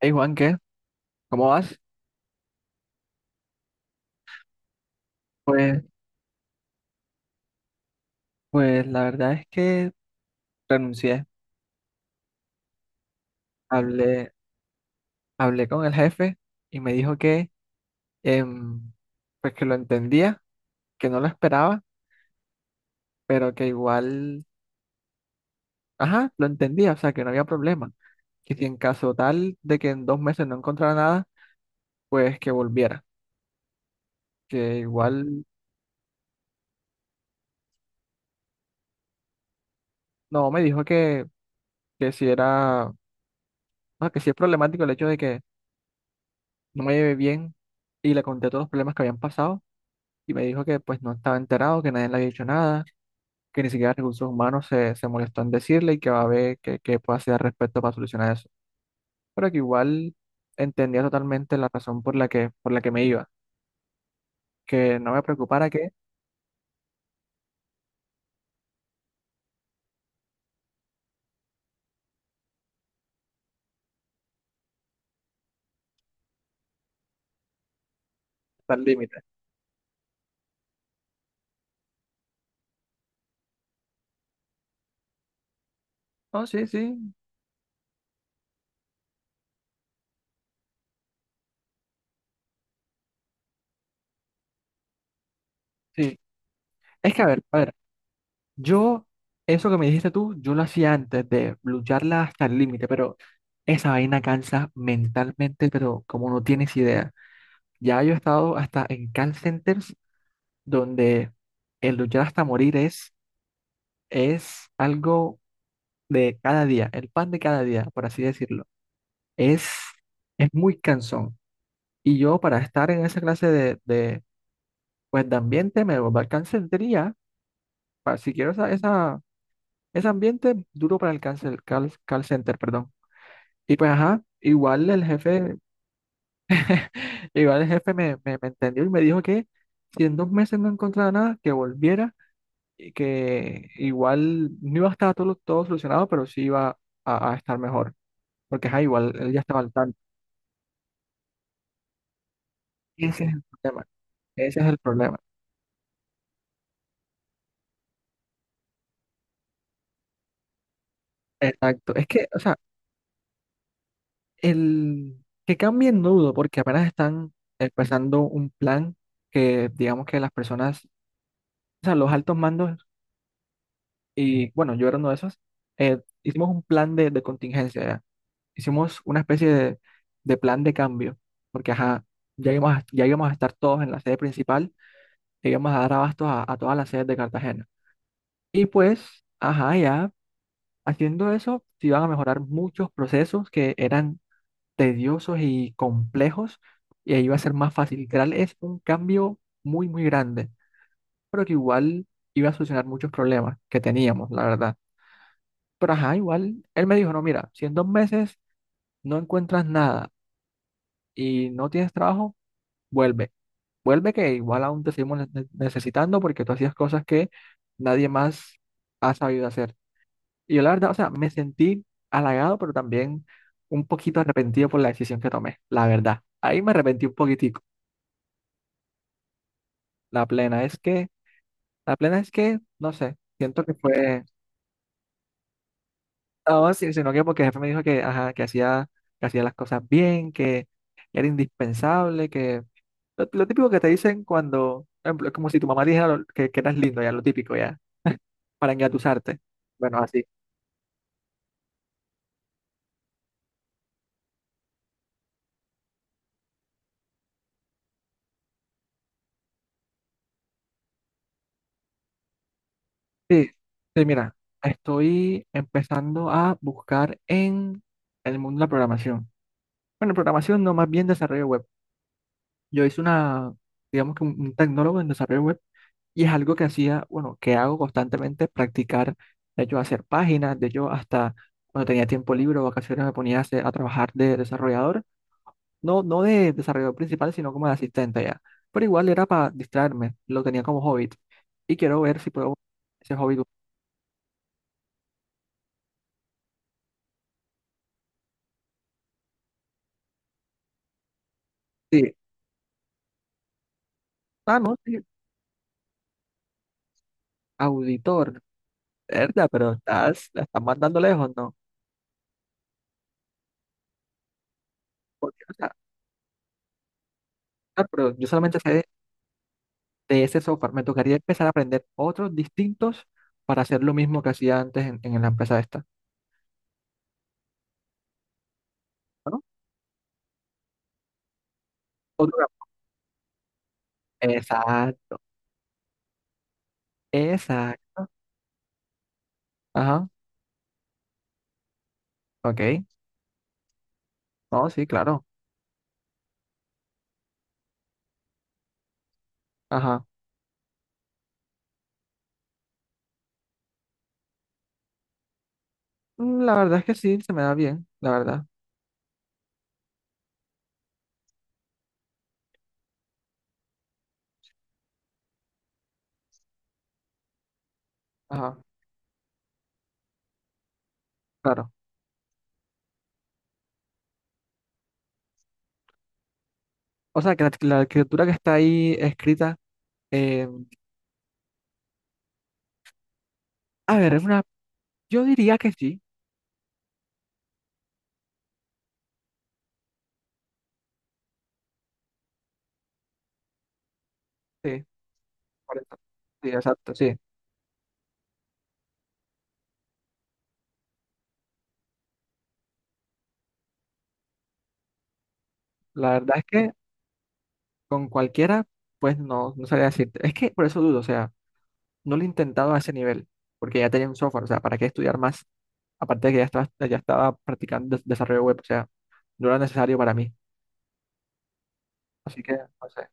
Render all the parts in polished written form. Hey Juan, ¿qué? ¿Cómo vas? Pues, pues, la verdad es que renuncié. Hablé, hablé con el jefe y me dijo que, em, pues que lo entendía, que no lo esperaba, pero que igual, ajá, lo entendía, o sea, que no había problema. Que si en caso tal de que en 2 meses no encontrara nada, pues que volviera. Que igual, no, me dijo que, que si era, no, que si es problemático el hecho de que no me llevé bien y le conté todos los problemas que habían pasado y me dijo que pues no estaba enterado, que nadie le había dicho nada que ni siquiera recursos humanos se molestó en decirle y que va a ver qué puede hacer al respecto para solucionar eso. Pero que igual entendía totalmente la razón por la que me iba, que no me preocupara que tal límite. No, sí, sí, sí. Es que a ver, yo, eso que me dijiste tú, yo lo hacía antes de lucharla hasta el límite, pero esa vaina cansa mentalmente, pero como no tienes idea. Ya yo he estado hasta en call centers donde el luchar hasta morir es algo de cada día, el pan de cada día, por así decirlo, es, es muy cansón. Y yo para estar en esa clase pues, de ambiente me alcanzaría, para, si quiero ese ambiente duro para el call center, perdón. Y pues ajá, igual el jefe, igual el jefe me entendió y me dijo que si en 2 meses no encontraba nada, que volviera y que igual no iba a estar todo solucionado, pero sí iba a estar mejor. Porque ajá, igual él ya estaba al tanto. Ese es el problema, ese es el problema. Exacto. Es que, o sea, el que cambien no dudo, porque apenas están empezando un plan que digamos que las personas, o sea, los altos mandos, y bueno, yo era uno de esos, hicimos un plan de contingencia, ya. Hicimos una especie de plan de cambio, porque ajá, ya íbamos a estar todos en la sede principal, e íbamos a dar abastos a todas las sedes de Cartagena. Y pues, ajá, ya haciendo eso, se iban a mejorar muchos procesos que eran tediosos y complejos y ahí iba a ser más fácil. Literal, es un cambio muy, muy grande, pero que igual iba a solucionar muchos problemas que teníamos, la verdad. Pero ajá, igual él me dijo, no, mira, si en dos meses no encuentras nada y no tienes trabajo, vuelve. Vuelve que igual aún te seguimos necesitando porque tú hacías cosas que nadie más ha sabido hacer. Y yo la verdad, o sea, me sentí halagado, pero también un poquito arrepentido por la decisión que tomé, la verdad. Ahí me arrepentí un poquitico. La plena es que, la plena es que, no sé, siento que fue, no, sino que porque el jefe me dijo que, ajá, que hacía las cosas bien, que era indispensable, que lo típico que te dicen cuando, por ejemplo, es como si tu mamá dijera que eras lindo, ya, lo típico, ya, para engatusarte. Bueno, así. Sí, sí, mira, estoy empezando a buscar en el mundo de la programación. Bueno, programación no, más bien desarrollo web. Yo hice una, digamos que un tecnólogo en desarrollo web. Y es algo que hacía, bueno, que hago constantemente, practicar, de hecho, hacer páginas, de hecho, hasta cuando tenía tiempo libre o vacaciones me ponía a trabajar de desarrollador, no, no de desarrollador principal, sino como de asistente ya. Pero igual era para distraerme, lo tenía como hobby. Y quiero ver si puedo ese hobby. Sí, ah, no, sí, auditor, verdad, pero estás, la estás mandando lejos, ¿no? Porque, o sea, ah, pero yo solamente sé de ese software, me tocaría empezar a aprender otros distintos para hacer lo mismo que hacía antes en la empresa, ¿no? Otro cap- Exacto, exacto. Ajá, ok. No, sí, claro. Ajá. La verdad es que sí, se me da bien, la verdad. Ajá, claro. O sea, que la escritura que está ahí escrita, eh, a ver, es una, yo diría que sí, sí, por eso. Sí, exacto, sí. La verdad es que con cualquiera, pues no, no sabría decirte. Es que por eso dudo, o sea, no lo he intentado a ese nivel, porque ya tenía un software, o sea, ¿para qué estudiar más? Aparte de que ya estaba practicando desarrollo web, o sea, no era necesario para mí. Así que, no sé.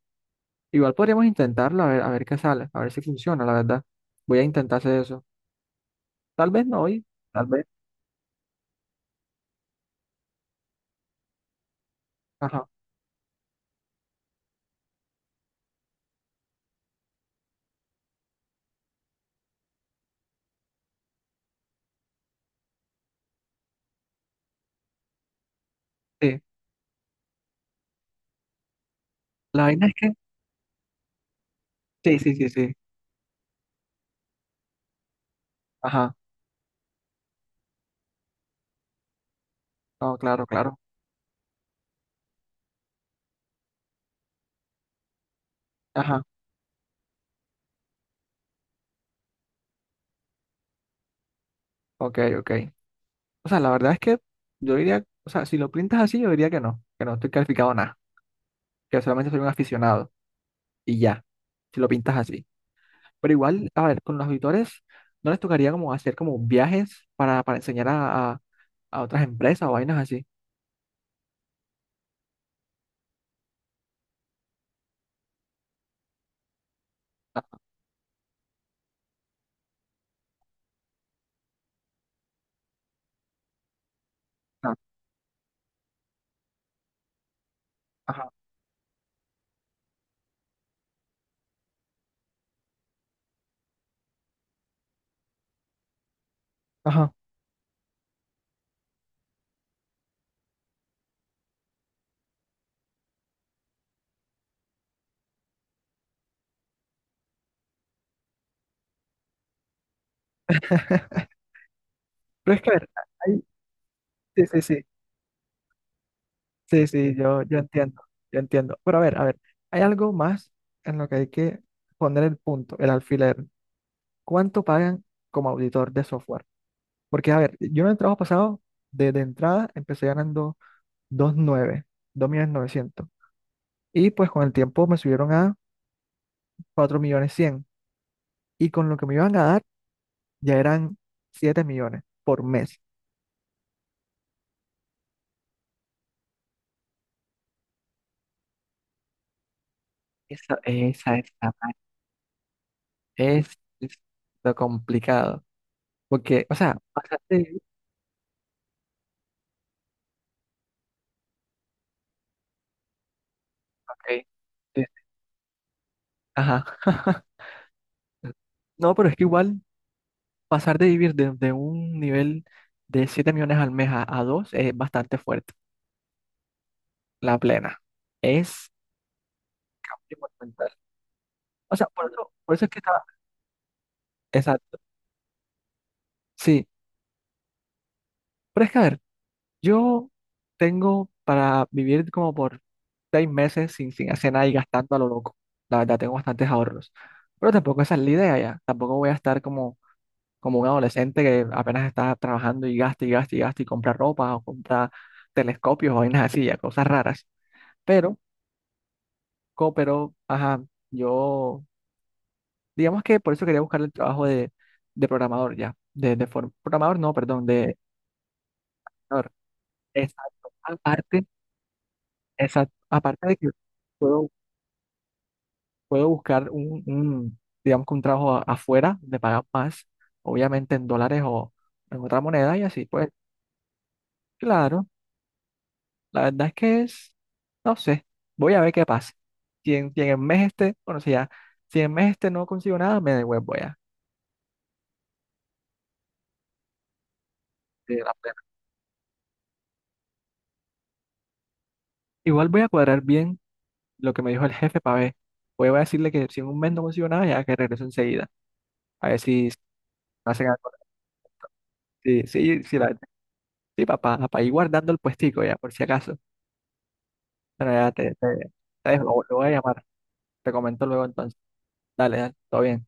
Igual podríamos intentarlo a ver qué sale, a ver si funciona, la verdad. Voy a intentar hacer eso. Tal vez no hoy, tal vez. Ajá. Sí. La vaina es que. Sí, sí, sí, sí. Ajá. No, claro, claro. Ajá. Ok, ok. O sea, la verdad es que yo diría, o sea, si lo pintas así, yo diría que no estoy calificado a nada, que solamente soy un aficionado y ya, si lo pintas así. Pero igual, a ver, con los auditores, ¿no les tocaría como hacer como viajes para enseñar a otras empresas o vainas así? Ajá. Ajá. Ajá. Pero es que, a ver, hay- sí, sí, sí, sí, sí, yo entiendo, yo entiendo. Pero a ver, hay algo más en lo que hay que poner el punto, el alfiler. ¿Cuánto pagan como auditor de software? Porque, a ver, yo en el trabajo pasado, desde entrada, empecé ganando dos dos nueve, dos millones novecientos. Y pues con el tiempo me subieron a cuatro millones cien. Y con lo que me iban a dar, ya eran 7 millones por mes. Esa es la parte, es, es lo complicado. Porque, o sea, pasaste ok, sí. Ajá. No, pero es que igual pasar de vivir de un nivel de 7 millones al mes a 2 es bastante fuerte. La plena. Es monumental. O sea, por eso es que está. Exacto. Sí. Pero es que, a ver, yo tengo para vivir como por 6 meses sin hacer nada y gastando a lo loco. La verdad, tengo bastantes ahorros. Pero tampoco esa es la idea ya. Tampoco voy a estar como como un adolescente que apenas está trabajando y gasta y gasta y gasta y compra ropa o compra telescopios o vainas así, ya, cosas raras. Pero, pero, ajá, yo, digamos que por eso quería buscar el trabajo de programador ya, de, programador, no, perdón, de... Exacto. Aparte, exacto, aparte de que puedo, puedo buscar un, digamos que un trabajo afuera, me pagan más, obviamente en dólares o en otra moneda y así, pues, claro. La verdad es que es, no sé, voy a ver qué pasa. Si en el mes este, bueno, si ya, si en el mes este no consigo nada, me devuelvo ya. De la plena. Igual voy a cuadrar bien lo que me dijo el jefe para ver. Voy a decirle que si en un mes no consigo nada, ya que regreso enseguida. A ver si hacen algo. Sí, sí, sí, sí, papá, para ir guardando el puestico ya, por si acaso. Pero ya te, te dejo, lo voy a llamar. Te comento luego entonces. Dale, dale, todo bien.